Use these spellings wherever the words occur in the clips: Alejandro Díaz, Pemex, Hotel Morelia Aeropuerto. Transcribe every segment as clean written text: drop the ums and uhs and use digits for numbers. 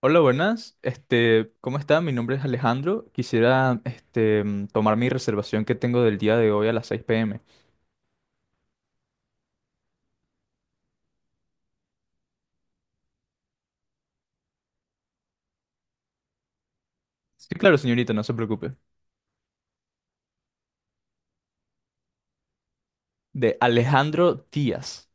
Hola, buenas. ¿Cómo está? Mi nombre es Alejandro. Quisiera, tomar mi reservación que tengo del día de hoy a las 6 p.m. Sí, claro, señorita, no se preocupe. De Alejandro Díaz.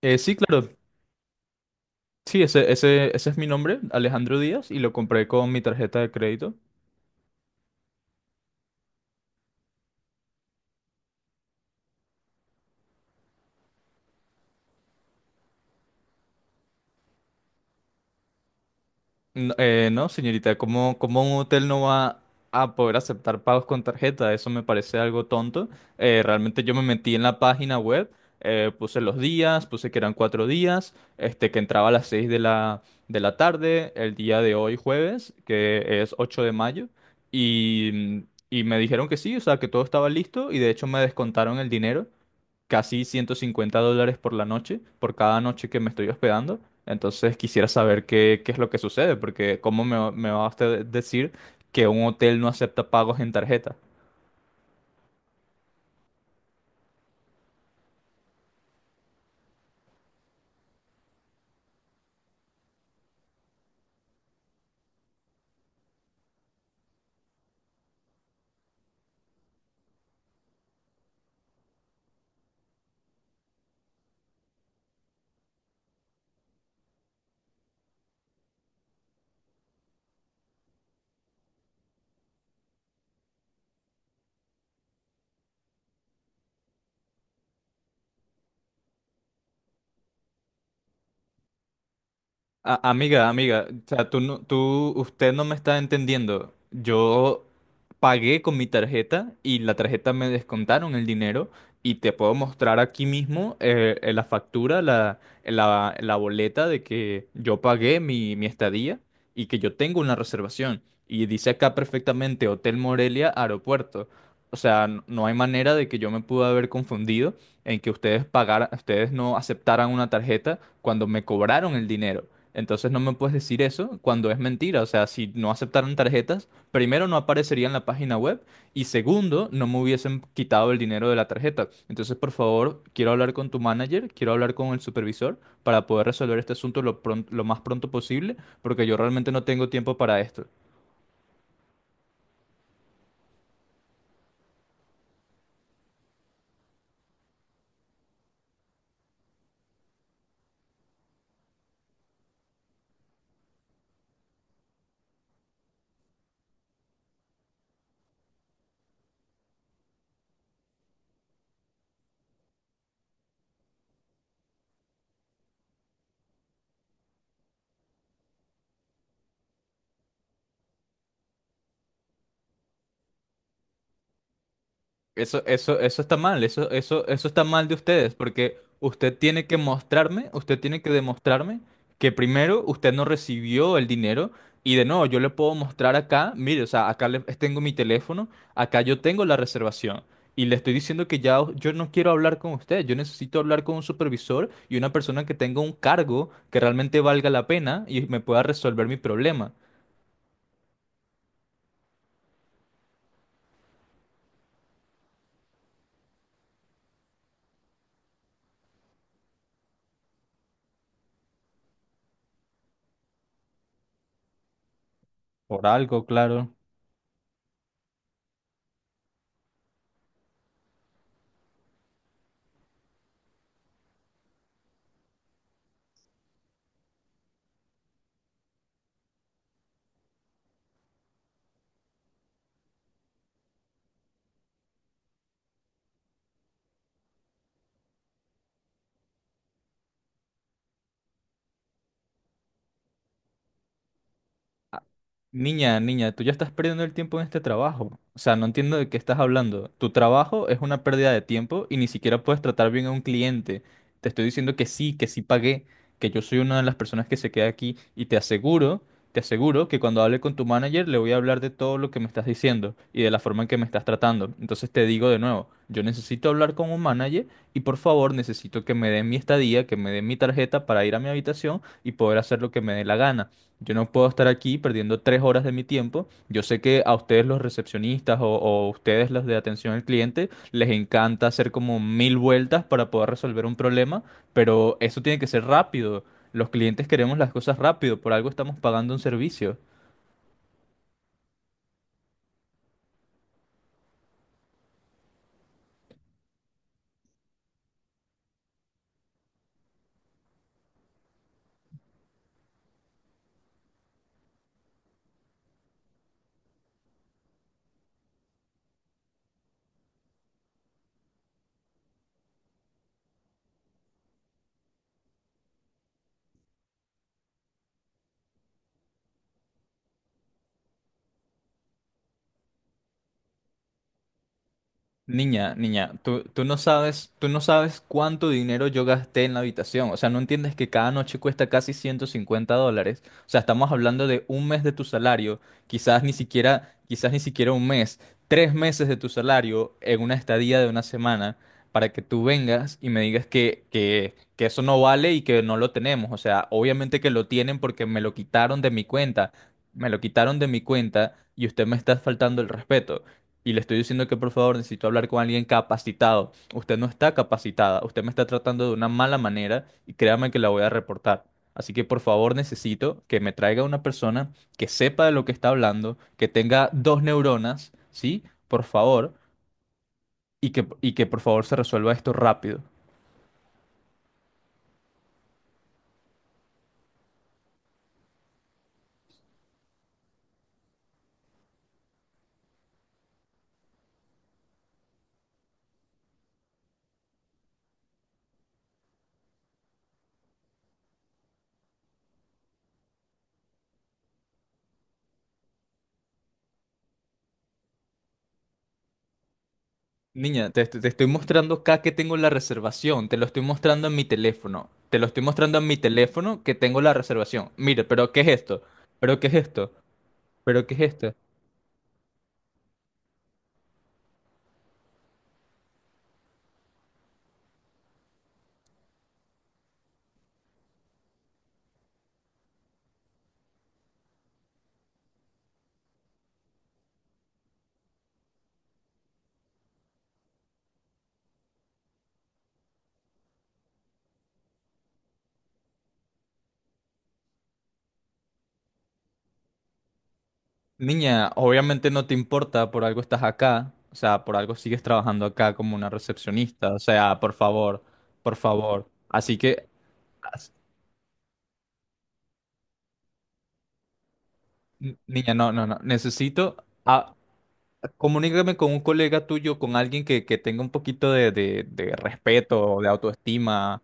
Sí, claro. Sí, ese es mi nombre, Alejandro Díaz, y lo compré con mi tarjeta de crédito. No, no, señorita, ¿ cómo un hotel no va a poder aceptar pagos con tarjeta? Eso me parece algo tonto. Realmente yo me metí en la página web, puse los días, puse que eran cuatro días, que entraba a las seis de de la tarde, el día de hoy jueves, que es 8 de mayo, y me dijeron que sí, o sea, que todo estaba listo y de hecho me descontaron el dinero casi 150 dólares por la noche, por cada noche que me estoy hospedando. Entonces quisiera saber qué es lo que sucede, porque ¿cómo me va a usted decir que un hotel no acepta pagos en tarjeta? Amiga, o sea, tú no, tú, usted no me está entendiendo. Yo pagué con mi tarjeta y la tarjeta me descontaron el dinero y te puedo mostrar aquí mismo la factura, la boleta de que yo pagué mi estadía y que yo tengo una reservación. Y dice acá perfectamente Hotel Morelia Aeropuerto. O sea, no hay manera de que yo me pude haber confundido en que ustedes pagaran, ustedes no aceptaran una tarjeta cuando me cobraron el dinero. Entonces no me puedes decir eso cuando es mentira. O sea, si no aceptaran tarjetas, primero no aparecería en la página web y segundo, no me hubiesen quitado el dinero de la tarjeta. Entonces, por favor, quiero hablar con tu manager, quiero hablar con el supervisor para poder resolver este asunto lo más pronto posible, porque yo realmente no tengo tiempo para esto. Eso está mal, eso está mal de ustedes, porque usted tiene que mostrarme, usted tiene que demostrarme que primero usted no recibió el dinero y de nuevo yo le puedo mostrar acá, mire, o sea, tengo mi teléfono, acá yo tengo la reservación y le estoy diciendo que yo no quiero hablar con usted, yo necesito hablar con un supervisor y una persona que tenga un cargo que realmente valga la pena y me pueda resolver mi problema. Por algo, claro. Niña, tú ya estás perdiendo el tiempo en este trabajo. O sea, no entiendo de qué estás hablando. Tu trabajo es una pérdida de tiempo y ni siquiera puedes tratar bien a un cliente. Te estoy diciendo que sí pagué, que yo soy una de las personas que se queda aquí y te aseguro que cuando hable con tu manager le voy a hablar de todo lo que me estás diciendo y de la forma en que me estás tratando. Entonces te digo de nuevo, yo necesito hablar con un manager y por favor necesito que me den mi estadía, que me den mi tarjeta para ir a mi habitación y poder hacer lo que me dé la gana. Yo no puedo estar aquí perdiendo 3 horas de mi tiempo. Yo sé que a ustedes los recepcionistas o ustedes los de atención al cliente les encanta hacer como mil vueltas para poder resolver un problema, pero eso tiene que ser rápido. Los clientes queremos las cosas rápido, por algo estamos pagando un servicio. Niña, tú no sabes cuánto dinero yo gasté en la habitación. O sea, no entiendes que cada noche cuesta casi 150 dólares. O sea, estamos hablando de un mes de tu salario, quizás ni siquiera un mes, 3 meses de tu salario en una estadía de una semana para que tú vengas y me digas que eso no vale y que no lo tenemos. O sea, obviamente que lo tienen porque me lo quitaron de mi cuenta. Me lo quitaron de mi cuenta y usted me está faltando el respeto. Y le estoy diciendo que por favor necesito hablar con alguien capacitado. Usted no está capacitada, usted me está tratando de una mala manera y créame que la voy a reportar. Así que por favor necesito que me traiga una persona que sepa de lo que está hablando, que tenga dos neuronas, ¿sí? Por favor, y que por favor se resuelva esto rápido. Niña, te estoy mostrando acá que tengo la reservación, te lo estoy mostrando en mi teléfono, te lo estoy mostrando en mi teléfono que tengo la reservación. Mire, pero ¿qué es esto? ¿Pero qué es esto? ¿Pero qué es esto? Obviamente no te importa, por algo estás acá, o sea, por algo sigues trabajando acá como una recepcionista, o sea, por favor, por favor. Así que, as- niña, no, no, no, necesito, a, comunícame con un colega tuyo, con alguien que tenga un poquito de respeto, de autoestima.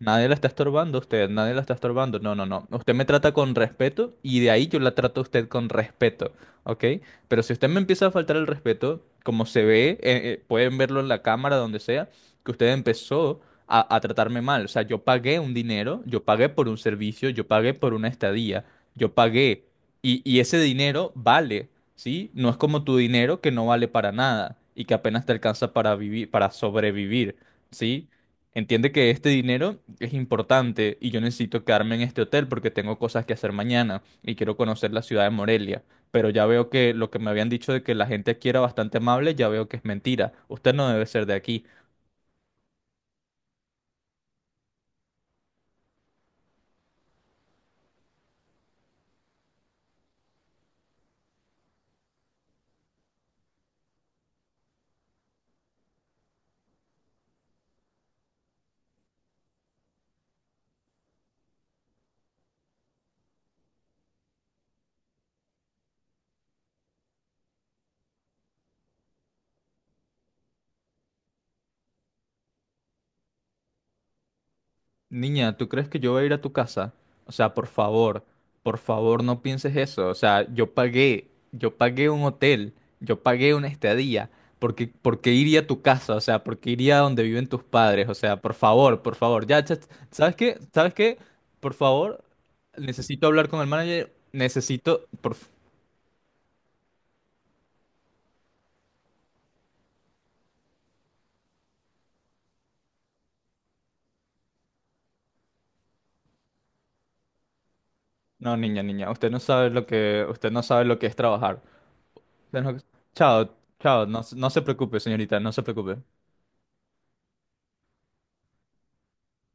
Nadie la está estorbando a usted, nadie la está estorbando. No, no, no. Usted me trata con respeto y de ahí yo la trato a usted con respeto, ¿ok? Pero si usted me empieza a faltar el respeto, como se ve, pueden verlo en la cámara, donde sea, que usted empezó a tratarme mal. O sea, yo pagué un dinero, yo pagué por un servicio, yo pagué por una estadía, yo pagué. Y ese dinero vale, ¿sí? No es como tu dinero que no vale para nada y que apenas te alcanza para vivir, para sobrevivir. ¿Sí? Entiende que este dinero es importante y yo necesito quedarme en este hotel porque tengo cosas que hacer mañana y quiero conocer la ciudad de Morelia. Pero ya veo que lo que me habían dicho de que la gente aquí era bastante amable, ya veo que es mentira. Usted no debe ser de aquí. Niña, ¿tú crees que yo voy a ir a tu casa? O sea, por favor no pienses eso. O sea, yo pagué un hotel, yo pagué una estadía. Por qué iría a tu casa? O sea, ¿por qué iría a donde viven tus padres? O sea, por favor, por favor. Ya, ya, ¿sabes qué? ¿Sabes qué? Por favor, necesito hablar con el manager. No, niña, usted no sabe lo que, usted no sabe lo que es trabajar. Usted no- Chao, chao, no, no se preocupe, señorita, no se preocupe.